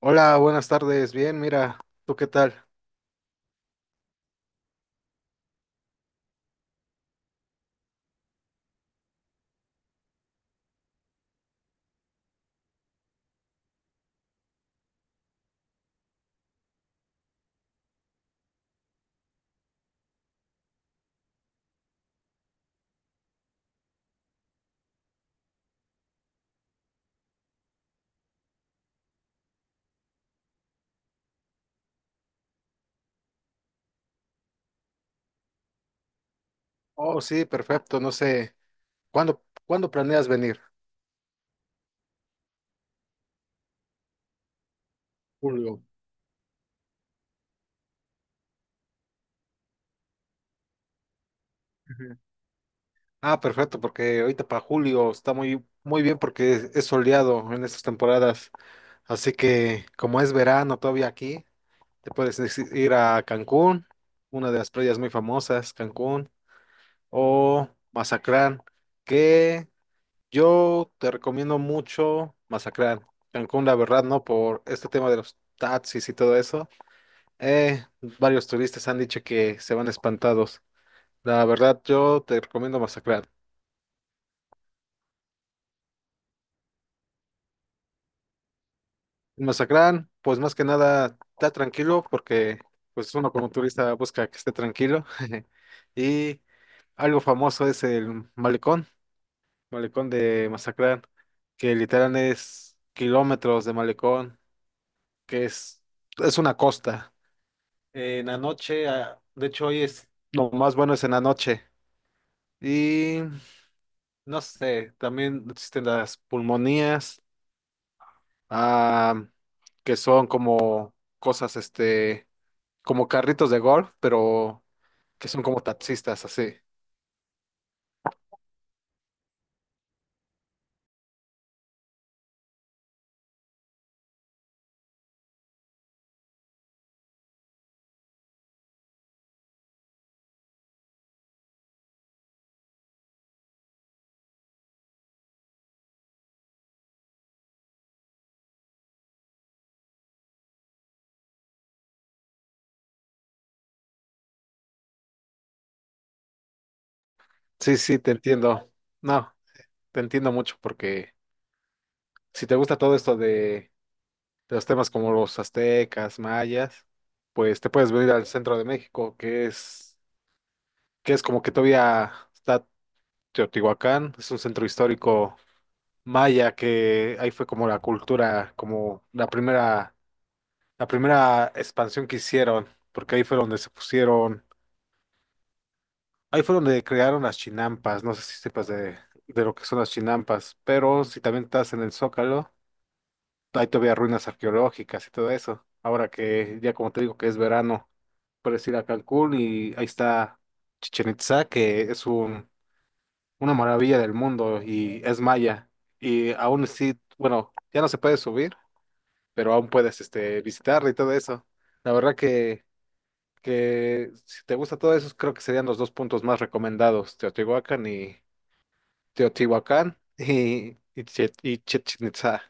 Hola, buenas tardes. Bien, mira, ¿tú qué tal? Oh, sí, perfecto. No sé, ¿cuándo planeas venir? Julio. Ujú. Ah, perfecto, porque ahorita para julio está muy, muy bien porque es soleado en estas temporadas. Así que, como es verano todavía aquí, te puedes ir a Cancún, una de las playas muy famosas, Cancún, o Mazatlán, que yo te recomiendo mucho Masacrán, Cancún, la verdad, ¿no? Por este tema de los taxis y todo eso. Eh, varios turistas han dicho que se van espantados. La verdad, yo te recomiendo Masacrán. En Masacrán, pues más que nada, está tranquilo porque pues uno como turista busca que esté tranquilo. Y algo famoso es el malecón, malecón de Masacrán, que literal es kilómetros de malecón, que es una costa. En la noche, ah, de hecho hoy es, lo más bueno es en la noche. Y no sé, también existen las pulmonías, ah, que son como cosas, este, como carritos de golf, pero que son como taxistas, así. Sí, sí, te entiendo. No, te entiendo mucho porque si te gusta todo esto de los temas como los aztecas, mayas, pues te puedes venir al centro de México, que es como que todavía está Teotihuacán, es un centro histórico maya que ahí fue como la cultura, como la primera expansión que hicieron, porque ahí fue donde se pusieron, ahí fue donde crearon las chinampas, no sé si sepas de lo que son las chinampas, pero si también estás en el Zócalo, hay todavía ruinas arqueológicas y todo eso. Ahora que ya como te digo que es verano, puedes ir a Cancún y ahí está Chichen Itzá, que es un una maravilla del mundo y es maya. Y aún sí, bueno, ya no se puede subir, pero aún puedes este, visitarla y todo eso. La verdad que si te gusta todo eso, creo que serían los dos puntos más recomendados, Teotihuacán y Teotihuacán y Chichén Itzá.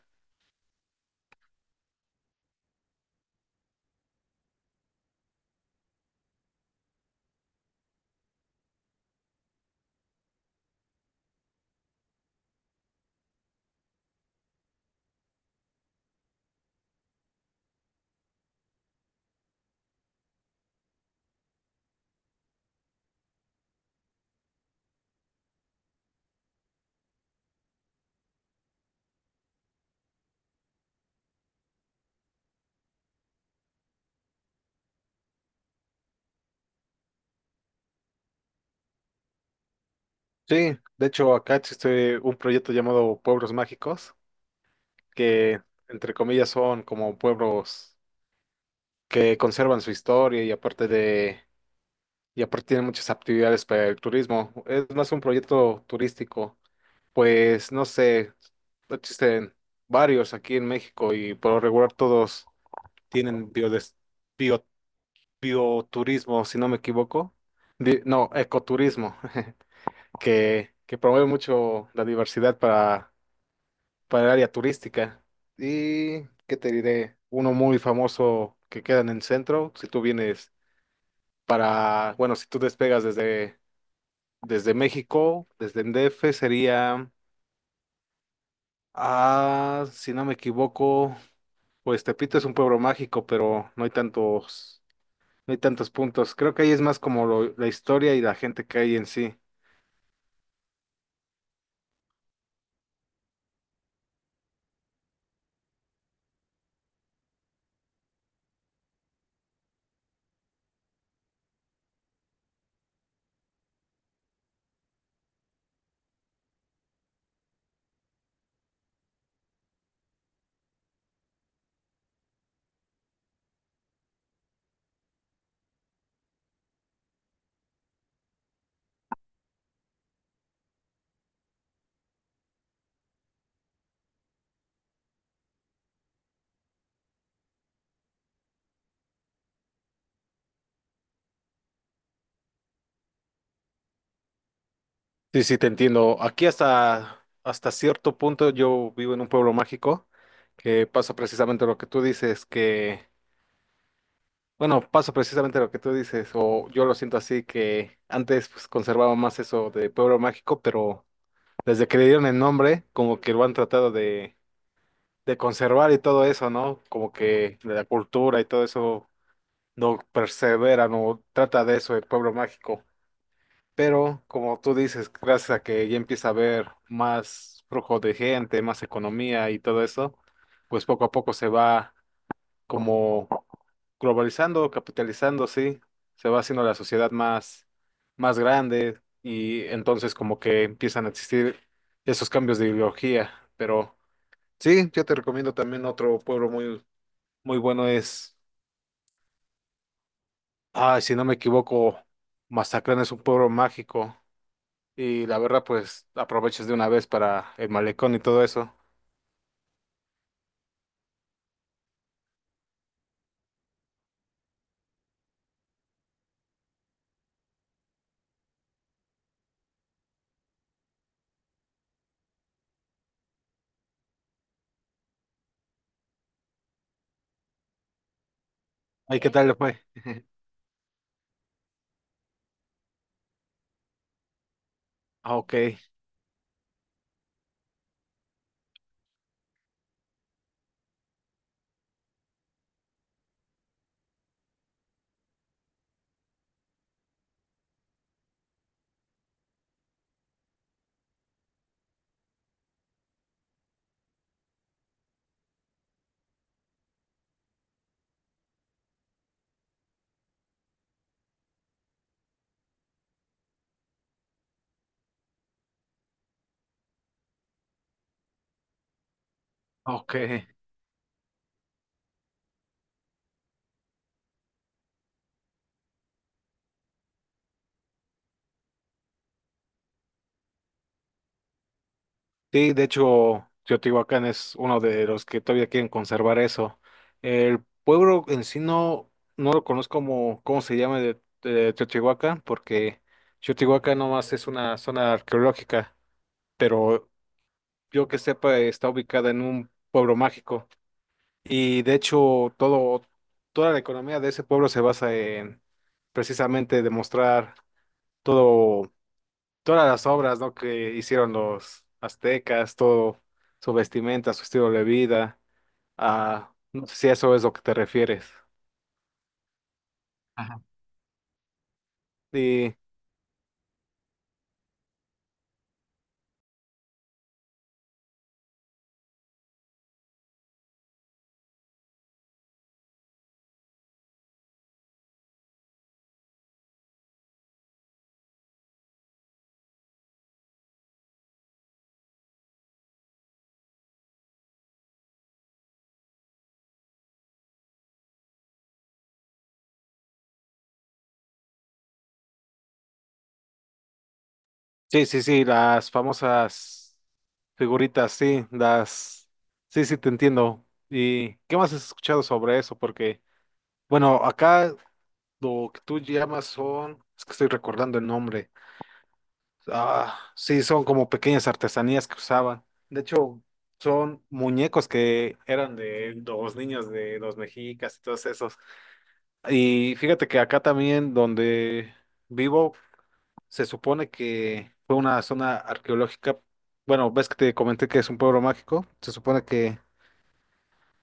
Sí, de hecho acá existe un proyecto llamado Pueblos Mágicos, que entre comillas son como pueblos que conservan su historia y aparte de y aparte tiene muchas actividades para el turismo. Es más un proyecto turístico. Pues no sé, existen varios aquí en México y por lo regular todos tienen bio- bioturismo, si no me equivoco. No, ecoturismo, que promueve mucho la diversidad para el área turística. Y, ¿qué te diré? Uno muy famoso que queda en el centro, si tú vienes para, bueno, si tú despegas desde desde México, desde el DF sería, ah, si no me equivoco, pues Tepito es un pueblo mágico, pero no hay tantos, no hay tantos puntos. Creo que ahí es más como la historia y la gente que hay en sí. Sí, sí, te entiendo. Aquí hasta, hasta cierto punto yo vivo en un pueblo mágico que pasa precisamente lo que tú dices, que, bueno, pasa precisamente lo que tú dices, o yo lo siento así, que antes pues, conservaba más eso de pueblo mágico, pero desde que le dieron el nombre, como que lo han tratado de conservar y todo eso, ¿no? Como que la cultura y todo eso no persevera, no trata de eso el pueblo mágico. Pero, como tú dices, gracias a que ya empieza a haber más flujo de gente, más economía y todo eso, pues poco a poco se va como globalizando, capitalizando, sí, se va haciendo la sociedad más, más grande y entonces como que empiezan a existir esos cambios de ideología. Pero sí, yo te recomiendo también otro pueblo muy, muy bueno es, ay, si no me equivoco, Mazatlán es un pueblo mágico y la verdad pues aprovechas de una vez para el malecón y todo eso. Ay, ¿qué tal le fue? Ah, ok, ok. Sí, de hecho, Teotihuacán es uno de los que todavía quieren conservar eso. El pueblo en sí no, no lo conozco como cómo se llama de Teotihuacán, porque Teotihuacán nomás es una zona arqueológica, pero yo que sepa está ubicada en un pueblo mágico. Y de hecho, todo, toda la economía de ese pueblo se basa en precisamente demostrar todo todas las obras, ¿no? Que hicieron los aztecas, todo su vestimenta, su estilo de vida, ah, no sé si a eso es lo que te refieres. Ajá. Y sí, sí, sí, las famosas figuritas, sí, las, sí, sí, te entiendo. ¿Y qué más has escuchado sobre eso? Porque, bueno, acá lo que tú llamas son, es que estoy recordando el nombre. Ah, sí, son como pequeñas artesanías que usaban. De hecho, son muñecos que eran de los niños de los mexicas y todos esos. Y fíjate que acá también donde vivo, se supone que fue una zona arqueológica. Bueno, ves que te comenté que es un pueblo mágico. Se supone que,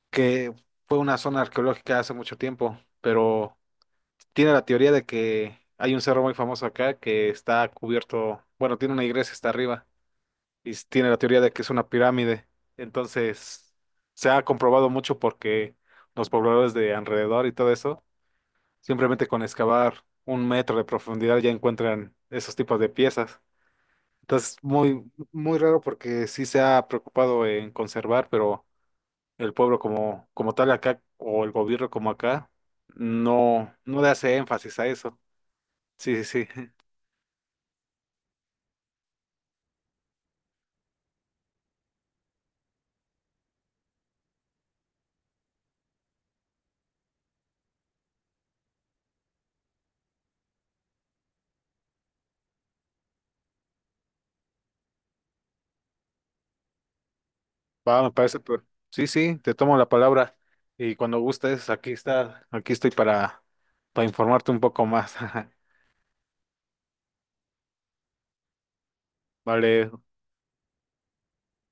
que fue una zona arqueológica hace mucho tiempo, pero tiene la teoría de que hay un cerro muy famoso acá que está cubierto, bueno, tiene una iglesia hasta arriba y tiene la teoría de que es una pirámide. Entonces, se ha comprobado mucho porque los pobladores de alrededor y todo eso, simplemente con excavar un metro de profundidad ya encuentran esos tipos de piezas. Entonces, muy, muy raro porque sí se ha preocupado en conservar, pero el pueblo como, como tal acá, o el gobierno como acá, no, no le hace énfasis a eso. Sí, sí, sí. Va, me parece, pero sí, sí, te tomo la palabra y cuando gustes, aquí está, aquí estoy para informarte un poco más. Vale,